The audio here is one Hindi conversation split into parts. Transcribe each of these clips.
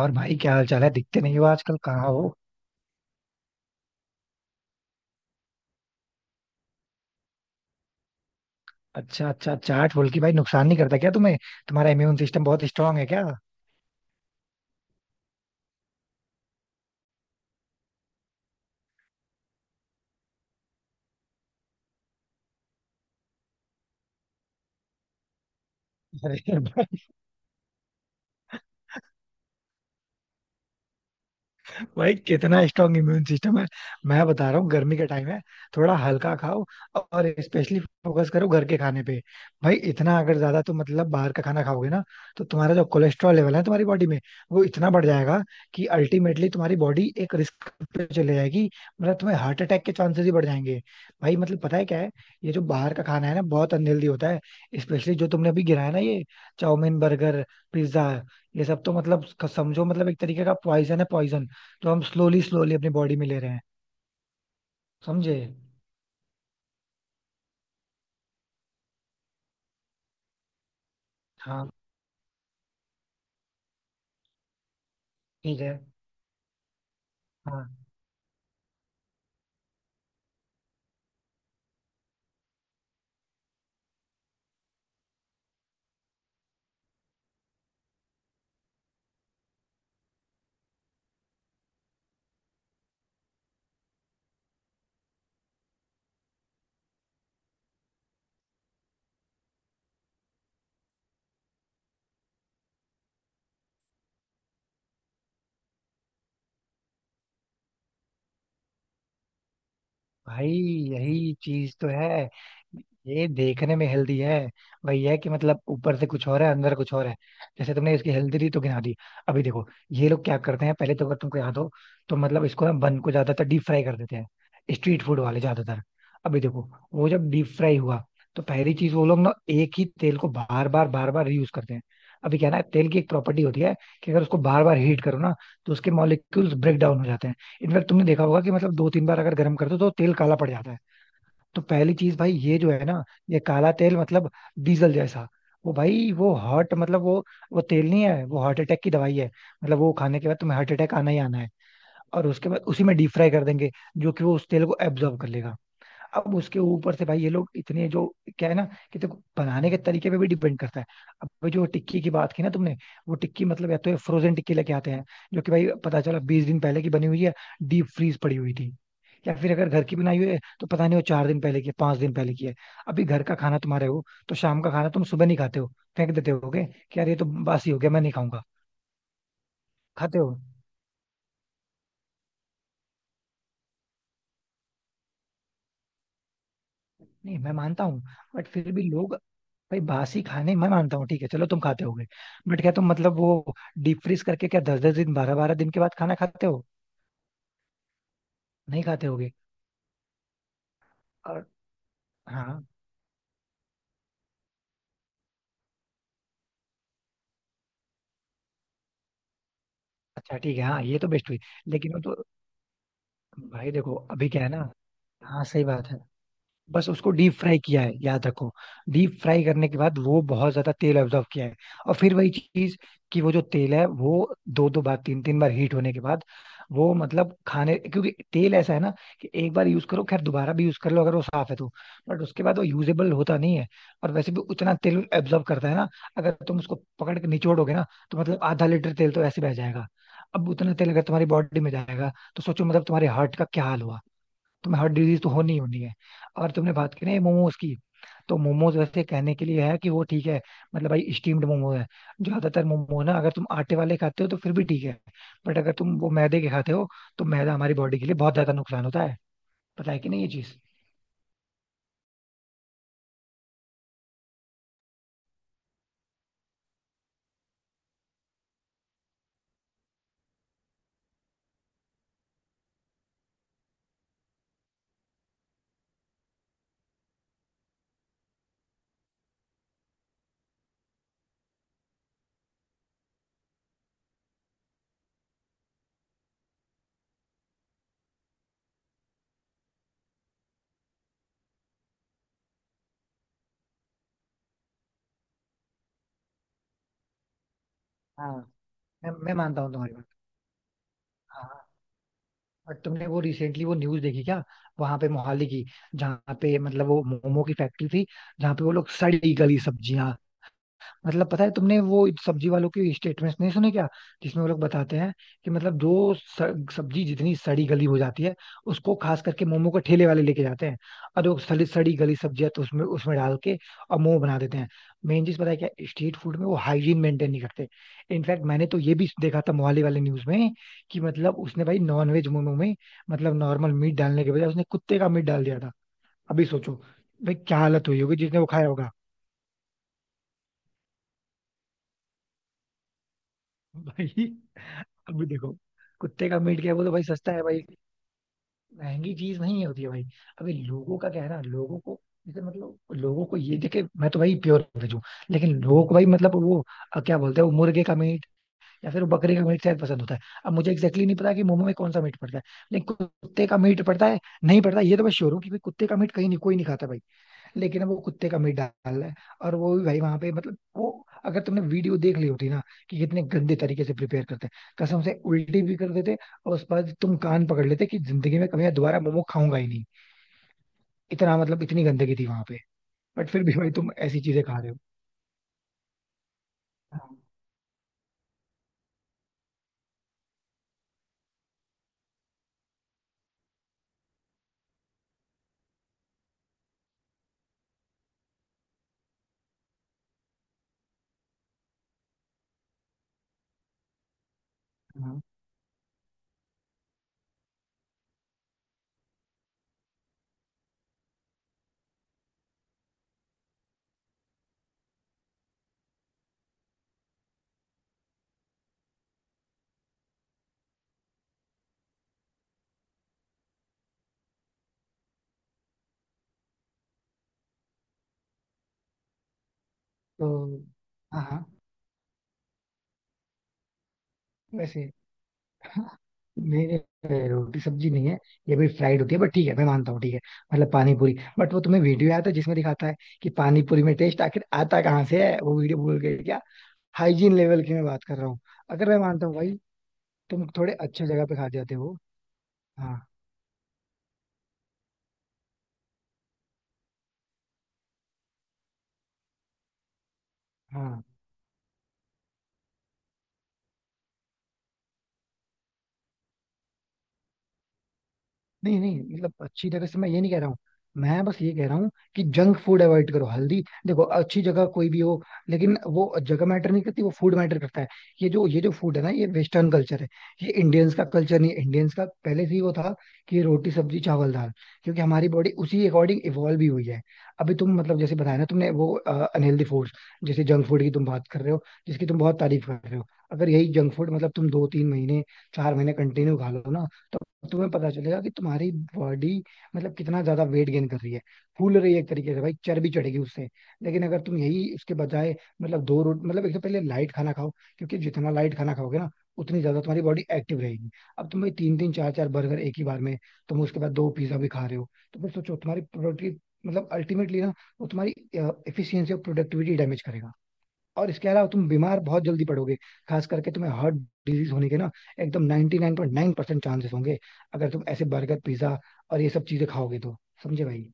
और भाई क्या हाल चाल है? दिखते नहीं हो आजकल, कहाँ हो? अच्छा अच्छा, चाट बोल के भाई नुकसान नहीं करता क्या तुम्हें? तुम्हारा इम्यून सिस्टम बहुत स्ट्रांग है क्या? अरे, भाई कितना स्ट्रांग इम्यून सिस्टम है। मैं बता रहा हूँ, गर्मी का टाइम है, थोड़ा हल्का खाओ। और स्पेशली फोकस करो घर के खाने पे। भाई इतना अगर ज्यादा तुम मतलब बाहर का खाना खाओगे ना, तो तुम्हारा जो कोलेस्ट्रॉल लेवल है तुम्हारी बॉडी में, वो इतना बढ़ जाएगा कि अल्टीमेटली तुम्हारी बॉडी एक रिस्क पे चले जाएगी। मतलब तुम्हें हार्ट अटैक के चांसेस ही बढ़ जाएंगे। भाई मतलब पता है क्या है, ये जो बाहर का खाना है ना बहुत अनहेल्दी होता है। स्पेशली जो तुमने अभी गिराया ना, ये चाउमीन, बर्गर, पिज्जा, ये सब तो मतलब समझो मतलब एक तरीके का पॉइजन है। पॉइजन तो हम स्लोली स्लोली अपनी बॉडी में ले रहे हैं। समझे? हाँ ठीक है। हाँ भाई, यही चीज तो है। ये देखने में हेल्दी है, वही है कि मतलब ऊपर से कुछ और है अंदर कुछ और है। जैसे तुमने इसकी हेल्दी तो गिना दी, अभी देखो ये लोग क्या करते हैं। पहले तो अगर तुमको याद हो तो मतलब इसको ना, बन को ज्यादातर डीप फ्राई कर देते हैं, स्ट्रीट फूड वाले ज्यादातर। अभी देखो वो जब डीप फ्राई हुआ, तो पहली चीज वो लोग ना एक ही तेल को बार बार बार बार रीयूज करते हैं। अभी क्या है ना, तेल की एक प्रॉपर्टी होती है कि अगर उसको बार बार हीट करो ना, तो उसके मॉलिक्यूल्स ब्रेक डाउन हो जाते हैं। इनफैक्ट तुमने देखा होगा कि मतलब दो तीन बार अगर गर्म कर दो तो तेल काला पड़ जाता है। तो पहली चीज भाई ये जो है ना, ये काला तेल मतलब डीजल जैसा, वो भाई वो हार्ट मतलब वो तेल नहीं है, वो हार्ट अटैक की दवाई है। मतलब वो खाने के बाद तुम्हें हार्ट अटैक आना ही आना है। और उसके बाद उसी में डीप फ्राई कर देंगे, जो कि वो उस तेल को एब्जॉर्ब कर लेगा। अब उसके ऊपर से भाई ये लोग इतने जो, क्या है ना, कि देखो बनाने के तरीके पे भी डिपेंड करता है। अब भाई जो टिक्की की बात की ना तुमने, वो टिक्की मतलब या तो फ्रोजन टिक्की लेके आते हैं, जो कि भाई पता चला 20 दिन पहले की बनी हुई है, डीप फ्रीज पड़ी हुई थी। या फिर अगर घर की बनाई हुई है तो पता नहीं वो 4 दिन पहले की है, 5 दिन पहले की है। अभी घर का खाना तुम्हारे हो, तो शाम का खाना तुम सुबह नहीं खाते हो, फेंक देते होगे कि यार ये तो बासी हो गया, मैं नहीं खाऊंगा। खाते हो? नहीं, मैं मानता हूँ, बट फिर भी लोग, भाई बासी खाने मैं मानता हूँ, ठीक है चलो तुम खाते होगे। बट क्या तुम मतलब वो डीप फ्रीज करके क्या 10-10 दिन, 12-12 दिन के बाद खाना खाते हो? नहीं खाते होगे। और हाँ, अच्छा ठीक है, हाँ, ये तो बेस्ट हुई। लेकिन वो तो, भाई देखो अभी क्या है ना, हाँ सही बात है। बस उसको डीप फ्राई किया है, याद रखो। डीप फ्राई करने के बाद वो बहुत ज्यादा तेल अब्जॉर्ब किया है। और फिर वही चीज, कि वो जो तेल है, वो दो दो बार तीन तीन बार हीट होने के बाद, वो मतलब खाने, क्योंकि तेल ऐसा है ना, कि एक बार यूज करो, खैर दोबारा भी यूज कर लो अगर वो साफ है तो, बट उसके बाद वो यूजेबल होता नहीं है। और वैसे भी उतना तेल एब्जॉर्ब करता है ना, अगर तुम उसको पकड़ के निचोड़ोगे ना, तो मतलब ½ लीटर तेल तो ऐसे बह जाएगा। अब उतना तेल अगर तुम्हारी बॉडी में जाएगा तो सोचो मतलब तुम्हारे हार्ट का क्या हाल होगा। तुम्हें हार्ट डिजीज तो होनी ही होनी है। और तुमने बात की ना मोमोज की, तो मोमोज वैसे कहने के लिए है कि वो ठीक है, मतलब भाई स्टीम्ड मोमो है। ज्यादातर मोमो ना अगर तुम आटे वाले खाते हो तो फिर भी ठीक है, बट अगर तुम वो मैदे के खाते हो, तो मैदा हमारी बॉडी के लिए बहुत ज्यादा नुकसान होता है। पता है कि नहीं ये चीज? हाँ, मैं मानता हूँ तुम्हारी बात। हाँ, और तुमने वो रिसेंटली वो न्यूज देखी क्या, वहां पे मोहाली की, जहाँ पे मतलब वो मोमो की फैक्ट्री थी, जहाँ पे वो लोग सड़ी गली सब्जियां, मतलब पता है तुमने वो सब्जी वालों की स्टेटमेंट्स नहीं सुने क्या, जिसमें वो लोग बताते हैं कि मतलब जो सब्जी जितनी सड़ी गली हो जाती है, उसको खास करके मोमो के ठेले वाले लेके जाते हैं। और वो सड़ी सड़ी गली सब्जियां तो उसमें उसमें डाल के और मोमो बना देते हैं। मेन चीज पता है क्या, स्ट्रीट फूड में वो हाइजीन मेंटेन नहीं करते। इनफैक्ट मैंने तो ये भी देखा था मोहाली वाले न्यूज में, कि मतलब उसने भाई नॉनवेज मोमो में मतलब नॉर्मल मीट डालने के बजाय उसने कुत्ते का मीट डाल दिया था। अभी सोचो, भाई क्या हालत हुई होगी जिसने वो खाया होगा। भाई अभी देखो, कुत्ते का मीट क्या है, वो तो भाई सस्ता है भाई, महंगी चीज नहीं होती है भाई। अभी लोगों का क्या है ना, लोगों को, जैसे मतलब लोगों को ये देखे, मैं तो भाई प्योर वेज हूँ, लेकिन लोगों को भाई मतलब वो क्या बोलते हैं, वो मुर्गे का मीट या फिर वो बकरे का मीट शायद पसंद होता है। अब मुझे एग्जैक्टली नहीं पता कि मोमो में कौन सा मीट पड़ता है, लेकिन कुत्ते का मीट पड़ता है नहीं पड़ता ये तो मैं श्योर हूँ कि भाई कुत्ते का मीट कहीं नहीं, कोई नहीं खाता भाई। लेकिन वो कुत्ते का मीट डाल रहा है। और वो भी भाई वहां पे मतलब वो, अगर तुमने वीडियो देख ली होती ना कि कितने गंदे तरीके से प्रिपेयर करते हैं, कसम से उल्टी भी कर देते। और उसके बाद तुम कान पकड़ लेते कि जिंदगी में कभी मैं दोबारा मोमो खाऊंगा ही नहीं, इतना मतलब इतनी गंदगी थी वहां पे। बट फिर भी भाई तुम ऐसी चीजें खा रहे हो। हाँ, हाँ, तो हाँ, हाँ। वैसे, हाँ, मेरे, रोटी सब्जी नहीं है, ये भी फ्राइड होती है, बट ठीक है मैं मानता हूँ, ठीक है, मतलब पानी पूरी। बट वो तुम्हें वीडियो आया था जिसमें दिखाता है कि पानी पूरी में टेस्ट आखिर आता कहाँ से है, वो वीडियो भूल गए क्या? हाइजीन लेवल की मैं बात कर रहा हूँ। अगर मैं मानता हूँ भाई, तुम थोड़े अच्छे जगह पे खा जाते हो। हाँ हाँ, नहीं नहीं, मतलब अच्छी जगह से मैं ये नहीं कह रहा हूँ। मैं बस ये कह रहा हूँ कि जंक फूड अवॉइड करो, हल्दी। देखो अच्छी जगह कोई भी हो, लेकिन वो जगह मैटर नहीं करती, वो फूड मैटर करता है। ये जो फूड है ना, ये वेस्टर्न कल्चर है, ये इंडियंस का कल्चर नहीं है। इंडियंस का पहले से ही वो था कि रोटी सब्जी चावल दाल, क्योंकि हमारी बॉडी उसी अकॉर्डिंग इवॉल्व भी हुई है। अभी तुम मतलब जैसे बताया ना तुमने वो अनहेल्दी फूड्स, जैसे जंक फूड की तुम बात कर रहे हो, जिसकी तुम बहुत तारीफ कर रहे हो, अगर यही जंक फूड मतलब तुम 2-3 महीने, 4 महीने कंटिन्यू खा लो ना, तो तुम्हें पता चलेगा कि तुम्हारी बॉडी मतलब कितना ज्यादा वेट गेन कर रही है, फूल रही है एक तरीके से, भाई चर्बी चढ़ेगी उससे। लेकिन अगर तुम यही इसके बजाय, मतलब दो रोट मतलब एक तो पहले लाइट खाना खाओ, क्योंकि जितना लाइट खाना खाओगे ना, उतनी ज्यादा तुम्हारी बॉडी एक्टिव रहेगी। अब तुम भाई तीन तीन चार चार बर्गर एक ही बार में, तुम उसके बाद दो पिज्जा भी खा रहे हो, तो फिर सोचो तुम्हारी प्रोडक्टिव मतलब अल्टीमेटली ना, वो तुम्हारी एफिशिएंसी और प्रोडक्टिविटी डैमेज करेगा। और इसके अलावा तुम बीमार बहुत जल्दी पड़ोगे। खास करके तुम्हें हार्ट डिजीज होने के ना एकदम 99.9% चांसेस होंगे, अगर तुम ऐसे बर्गर पिज्जा और ये सब चीजें खाओगे तो। समझे भाई,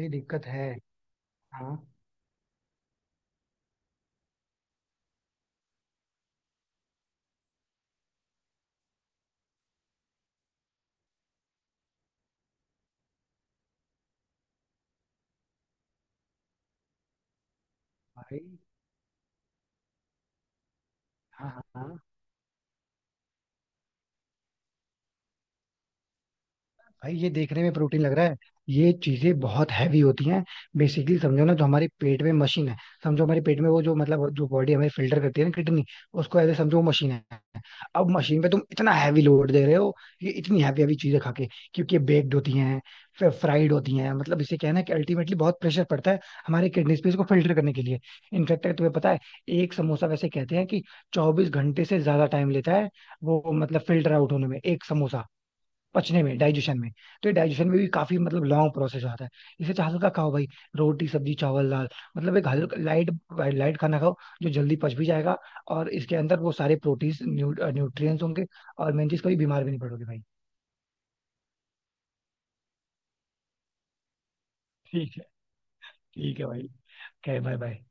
ये दिक्कत है। हाँ भाई, हाँ हाँ। भाई ये देखने में प्रोटीन लग रहा है, ये चीजें बहुत हैवी होती हैं। बेसिकली समझो ना, जो हमारे पेट में मशीन है, समझो हमारे पेट में वो जो मतलब जो बॉडी हमें फिल्टर करती है ना, किडनी, उसको ऐसे समझो वो मशीन है। अब मशीन पे तुम इतना हैवी लोड दे रहे हो, ये इतनी हैवी हैवी चीजें खा के, क्योंकि ये बेक्ड होती हैं, फिर फ्राइड होती हैं, मतलब इसे कहना है कि अल्टीमेटली बहुत प्रेशर पड़ता है हमारे किडनीज पे इसको फिल्टर करने के लिए। इनफैक्ट अगर तुम्हें पता है, एक समोसा वैसे कहते हैं कि 24 घंटे से ज्यादा टाइम लेता है, वो मतलब फिल्टर आउट होने में, एक समोसा पचने में, डाइजेशन में। तो ये डाइजेशन में भी काफी मतलब लॉन्ग प्रोसेस होता है। इसे तो हल्का खाओ भाई, रोटी सब्जी चावल दाल, मतलब एक हल्का लाइट, लाइट खाना खाओ, जो जल्दी पच भी जाएगा, और इसके अंदर वो सारे प्रोटीन न्यूट्रिएंट्स होंगे। और मेन चीज कभी बीमार भी नहीं पड़ोगे भाई। ठीक है। ठीक है भाई, क्या, बाय बाय।